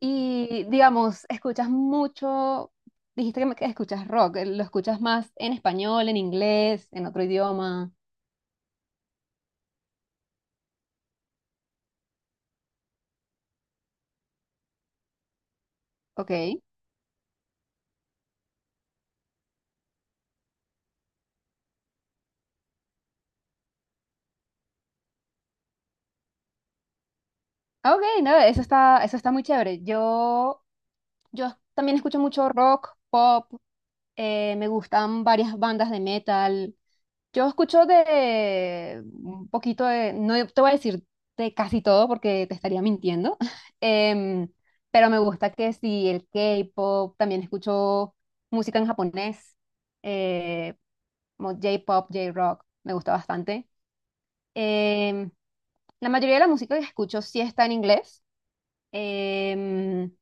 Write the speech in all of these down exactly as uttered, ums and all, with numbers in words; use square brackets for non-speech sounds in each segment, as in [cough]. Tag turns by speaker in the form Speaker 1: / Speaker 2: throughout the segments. Speaker 1: Y digamos, escuchas mucho, dijiste que me- que escuchas rock, eh, ¿lo escuchas más en español, en inglés, en otro idioma? Ok. Ah, ok, no, eso está, eso está muy chévere. Yo, yo también escucho mucho rock, pop, eh, me gustan varias bandas de metal. Yo escucho de un poquito de, no te voy a decir de casi todo porque te estaría mintiendo. [laughs] em, pero me gusta que sí, el K-pop, también escucho música en japonés, eh, como J-pop, J-rock, me gusta bastante. Em, la mayoría de la música que escucho sí está en inglés. em,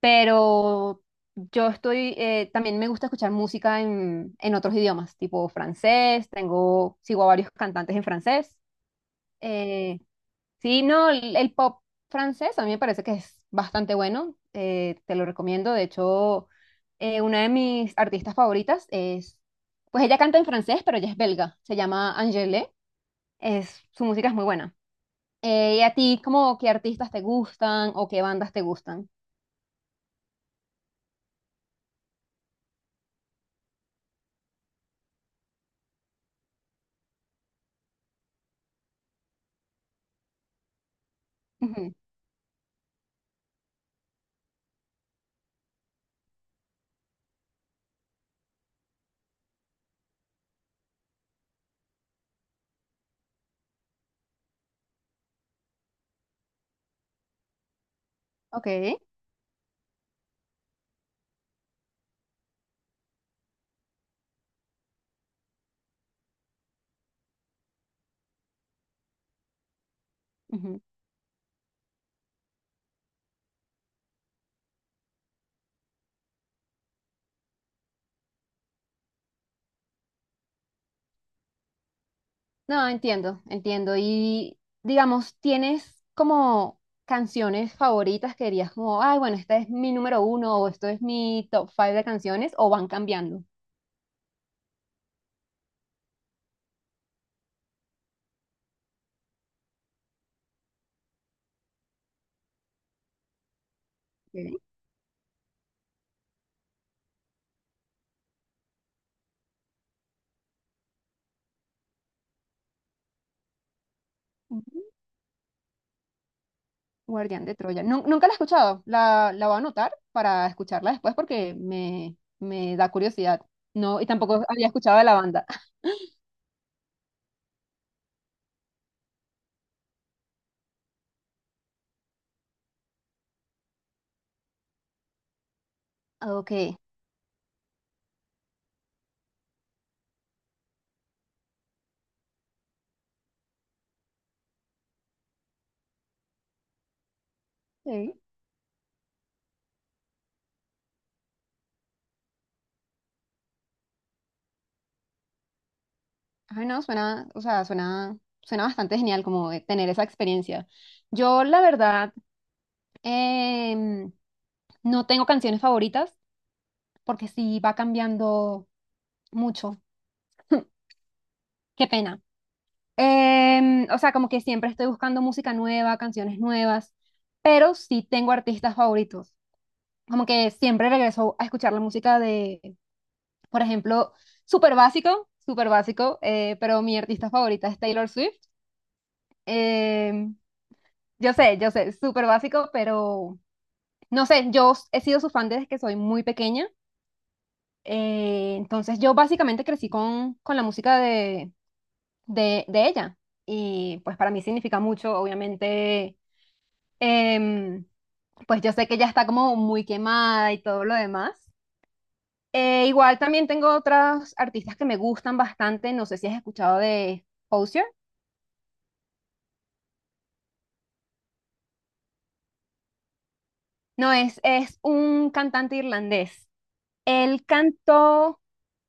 Speaker 1: pero yo estoy, eh, también me gusta escuchar música en, en otros idiomas, tipo francés, tengo, sigo a varios cantantes en francés. Eh, sí, no, el, el pop francés a mí me parece que es bastante bueno, eh, te lo recomiendo. De hecho, eh, una de mis artistas favoritas es, pues ella canta en francés, pero ella es belga, se llama Angèle, es, su música es muy buena. Eh, ¿y a ti, como qué artistas te gustan o qué bandas te gustan? Ujú. Ok. Ujú. No, entiendo, entiendo. Y digamos, ¿tienes como canciones favoritas que dirías como, ay, bueno, esta es mi número uno o esto es mi top five de canciones, o van cambiando? Ok. Ujú. Guardián de Troya. Nun- nunca la he escuchado. La, la voy a anotar para escucharla después porque me, me da curiosidad. No, y tampoco había escuchado de la banda. [laughs] Ok. Sí. Ay, no, suena, o sea, suena, suena bastante genial como de tener esa experiencia. Yo, la verdad, em, no tengo canciones favoritas porque sí va cambiando mucho. [laughs] Qué pena. Em, o sea, como que siempre estoy buscando música nueva, canciones nuevas, pero sí tengo artistas favoritos. Como que siempre regreso a escuchar la música de, por ejemplo, súper básico, súper básico, eh, pero mi artista favorita es Taylor Swift. Em, yo sé, yo sé, súper básico, pero no sé, yo he sido su fan desde que soy muy pequeña. Eh, entonces yo básicamente crecí con, con la música de, de, de ella y pues para mí significa mucho, obviamente. em, pues yo sé que ella está como muy quemada y todo lo demás. Eh, igual también tengo otras artistas que me gustan bastante, no sé si has escuchado de Osier. No, es, es un cantante irlandés. Él cantó,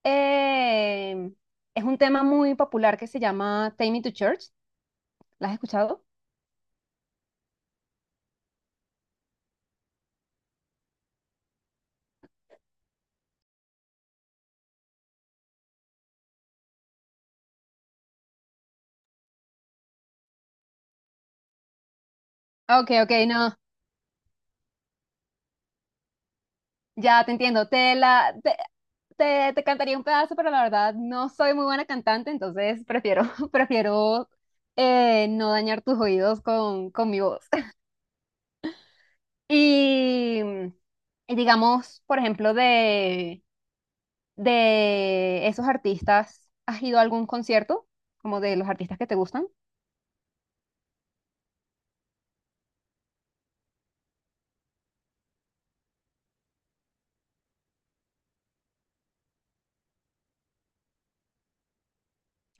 Speaker 1: em, es un tema muy popular que se llama Take Me to Church. ¿La has escuchado? Ok, ok, no. Ya te entiendo, te la te, te, te cantaría un pedazo, pero la verdad no soy muy buena cantante, entonces prefiero, [laughs] prefiero eh, no dañar tus oídos con, con mi voz. [laughs] Y, y digamos, por ejemplo, de, de esos artistas, ¿has ido a algún concierto? Como de los artistas que te gustan.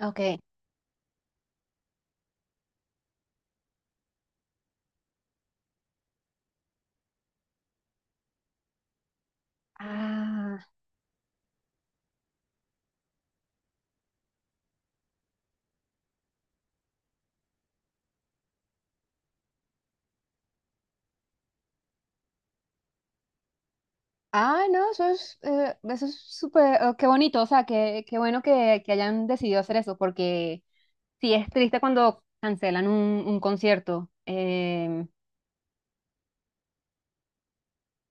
Speaker 1: Okay. Ah, ah, no, eso es, eh, eso es súper, eh, qué bonito, o sea, qué, qué bueno que, que hayan decidido hacer eso, porque sí, es triste cuando cancelan un, un concierto. Em,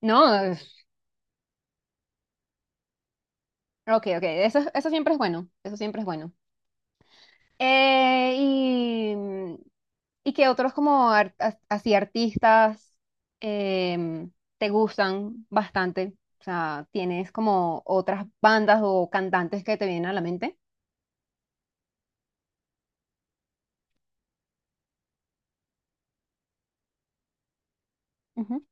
Speaker 1: no, es- ok, ok, eso, es- eso siempre es bueno, eso siempre es bueno. Eh, y, y que otros como ar- as- así artistas em, te gustan bastante. O sea, tienes como otras bandas o cantantes que te vienen a la mente. Ujú.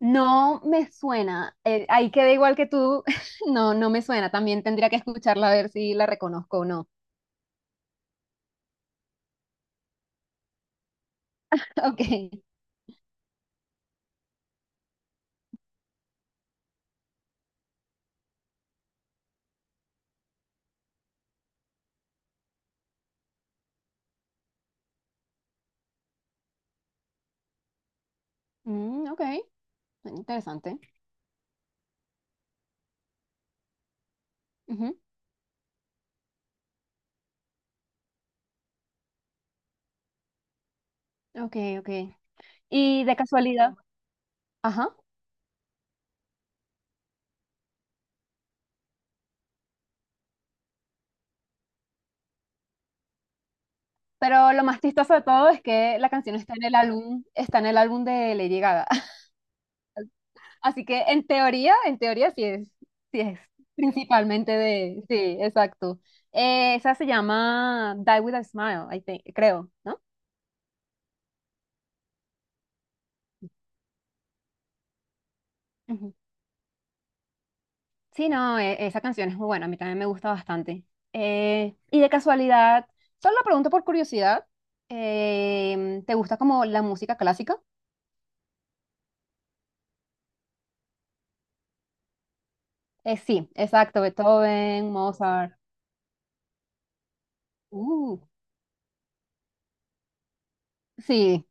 Speaker 1: No me suena, eh, ahí queda igual que tú, [laughs] no, no me suena, también tendría que escucharla a ver si la reconozco o no. [laughs] Ok. Mm, ok, interesante. Ujú. Ok, ok. Y de casualidad, ajá. Pero lo más chistoso de todo es que la canción está en el álbum, está en el álbum de Lady Gaga. [laughs] Así que en teoría, en teoría sí es, sí es principalmente de, sí, exacto. Eh, esa se llama Die With a Smile, I think- creo, ¿no? Sí, no, e- esa canción es muy buena, a mí también me gusta bastante. Eh, y de casualidad, solo lo pregunto por curiosidad, em, ¿te gusta como la música clásica? Eh, sí, exacto, Beethoven, Mozart. Uh, sí,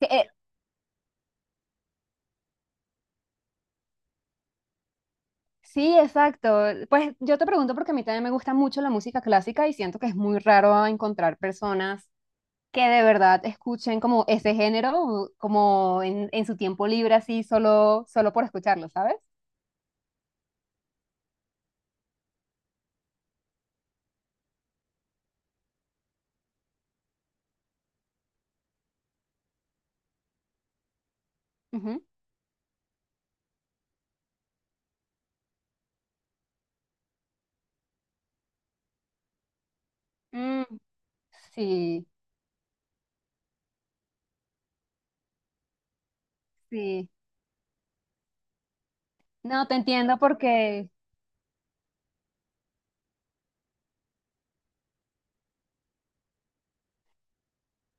Speaker 1: que, eh, sí, exacto. Pues yo te pregunto porque a mí también me gusta mucho la música clásica y siento que es muy raro encontrar personas que de verdad escuchen como ese género, como en, en su tiempo libre, así, solo, solo por escucharlo, ¿sabes? Ujú. Sí, sí. No, te entiendo porque,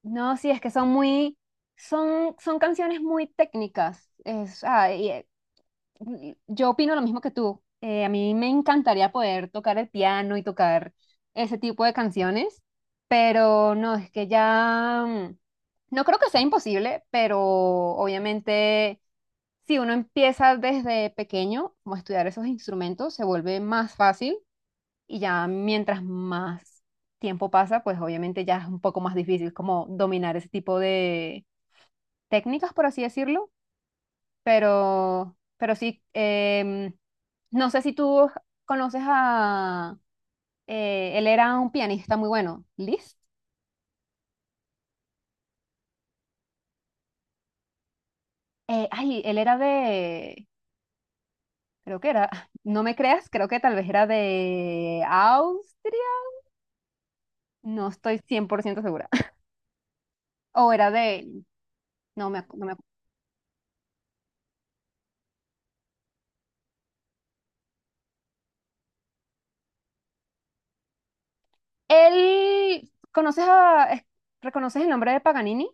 Speaker 1: no, sí, es que son muy, son, son canciones muy técnicas. Es, ah, y, eh, y yo opino lo mismo que tú. Eh, a mí me encantaría poder tocar el piano y tocar ese tipo de canciones, pero no, es que ya, mm, no creo que sea imposible, pero obviamente si uno empieza desde pequeño como a estudiar esos instrumentos, se vuelve más fácil y ya mientras más tiempo pasa, pues obviamente ya es un poco más difícil como dominar ese tipo de técnicas, por así decirlo, pero, pero sí, em, no sé si tú conoces a, eh, él era un pianista muy bueno, Liszt. Eh, ay, él era de, creo que era, [laughs] no me creas, creo que tal vez era de Austria, no estoy cien por ciento segura. [laughs] O era de, no me, ac- no me... Él, ¿conoces a, es- reconoces el nombre de Paganini?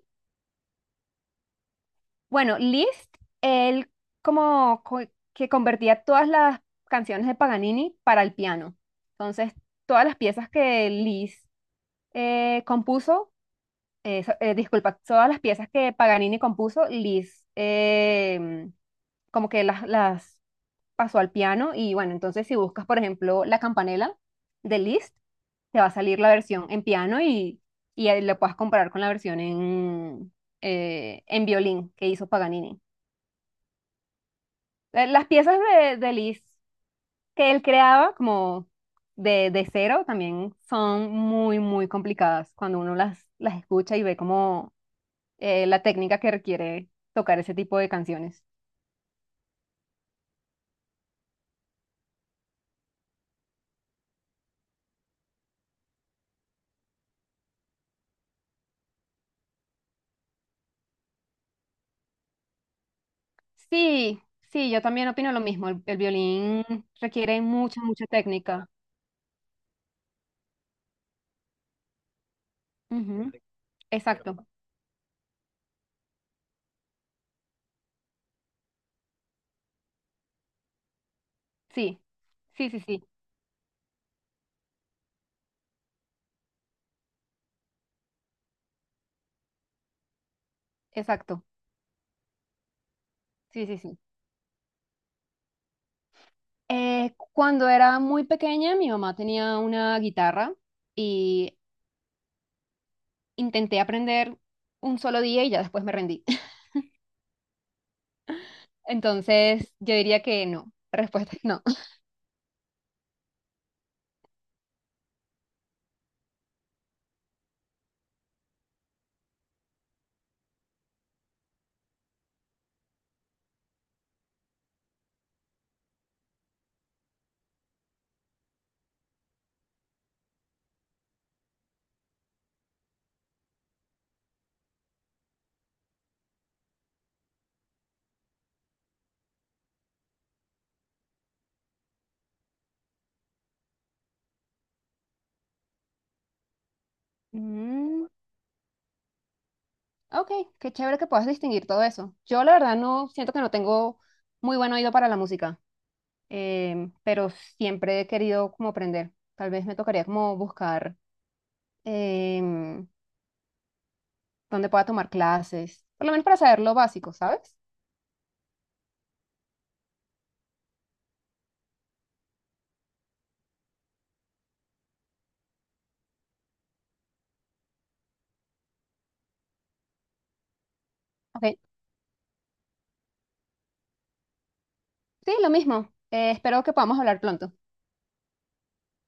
Speaker 1: Bueno, Liszt, él como co- que convertía todas las canciones de Paganini para el piano. Entonces, todas las piezas que Liszt eh, compuso, eh, so- eh, disculpa, todas las piezas que Paganini compuso, Liszt, eh, como que las, las pasó al piano y bueno, entonces si buscas, por ejemplo, La Campanela de Liszt, te va a salir la versión en piano y, y ahí la puedas comparar con la versión en, eh, en violín que hizo Paganini. Eh, Las piezas de, de Liszt que él creaba como de, de cero también son muy, muy complicadas cuando uno las, las escucha y ve como eh, la técnica que requiere tocar ese tipo de canciones. Sí, sí, yo también opino lo mismo. El, el violín requiere mucha, mucha técnica. Ujú. Exacto, sí, sí, sí, sí, exacto. Sí, sí, sí. Eh, cuando era muy pequeña, mi mamá tenía una guitarra y intenté aprender un solo día y ya después me rendí. [laughs] Entonces, yo diría que no. La respuesta [laughs] es no. Mm, ok, qué chévere que puedas distinguir todo eso. Yo la verdad no siento que no tengo muy buen oído para la música, em, pero siempre he querido como aprender. Tal vez me tocaría como buscar em, dónde pueda tomar clases, por lo menos para saber lo básico, ¿sabes? Ok, sí, lo mismo. Eh, espero que podamos hablar pronto.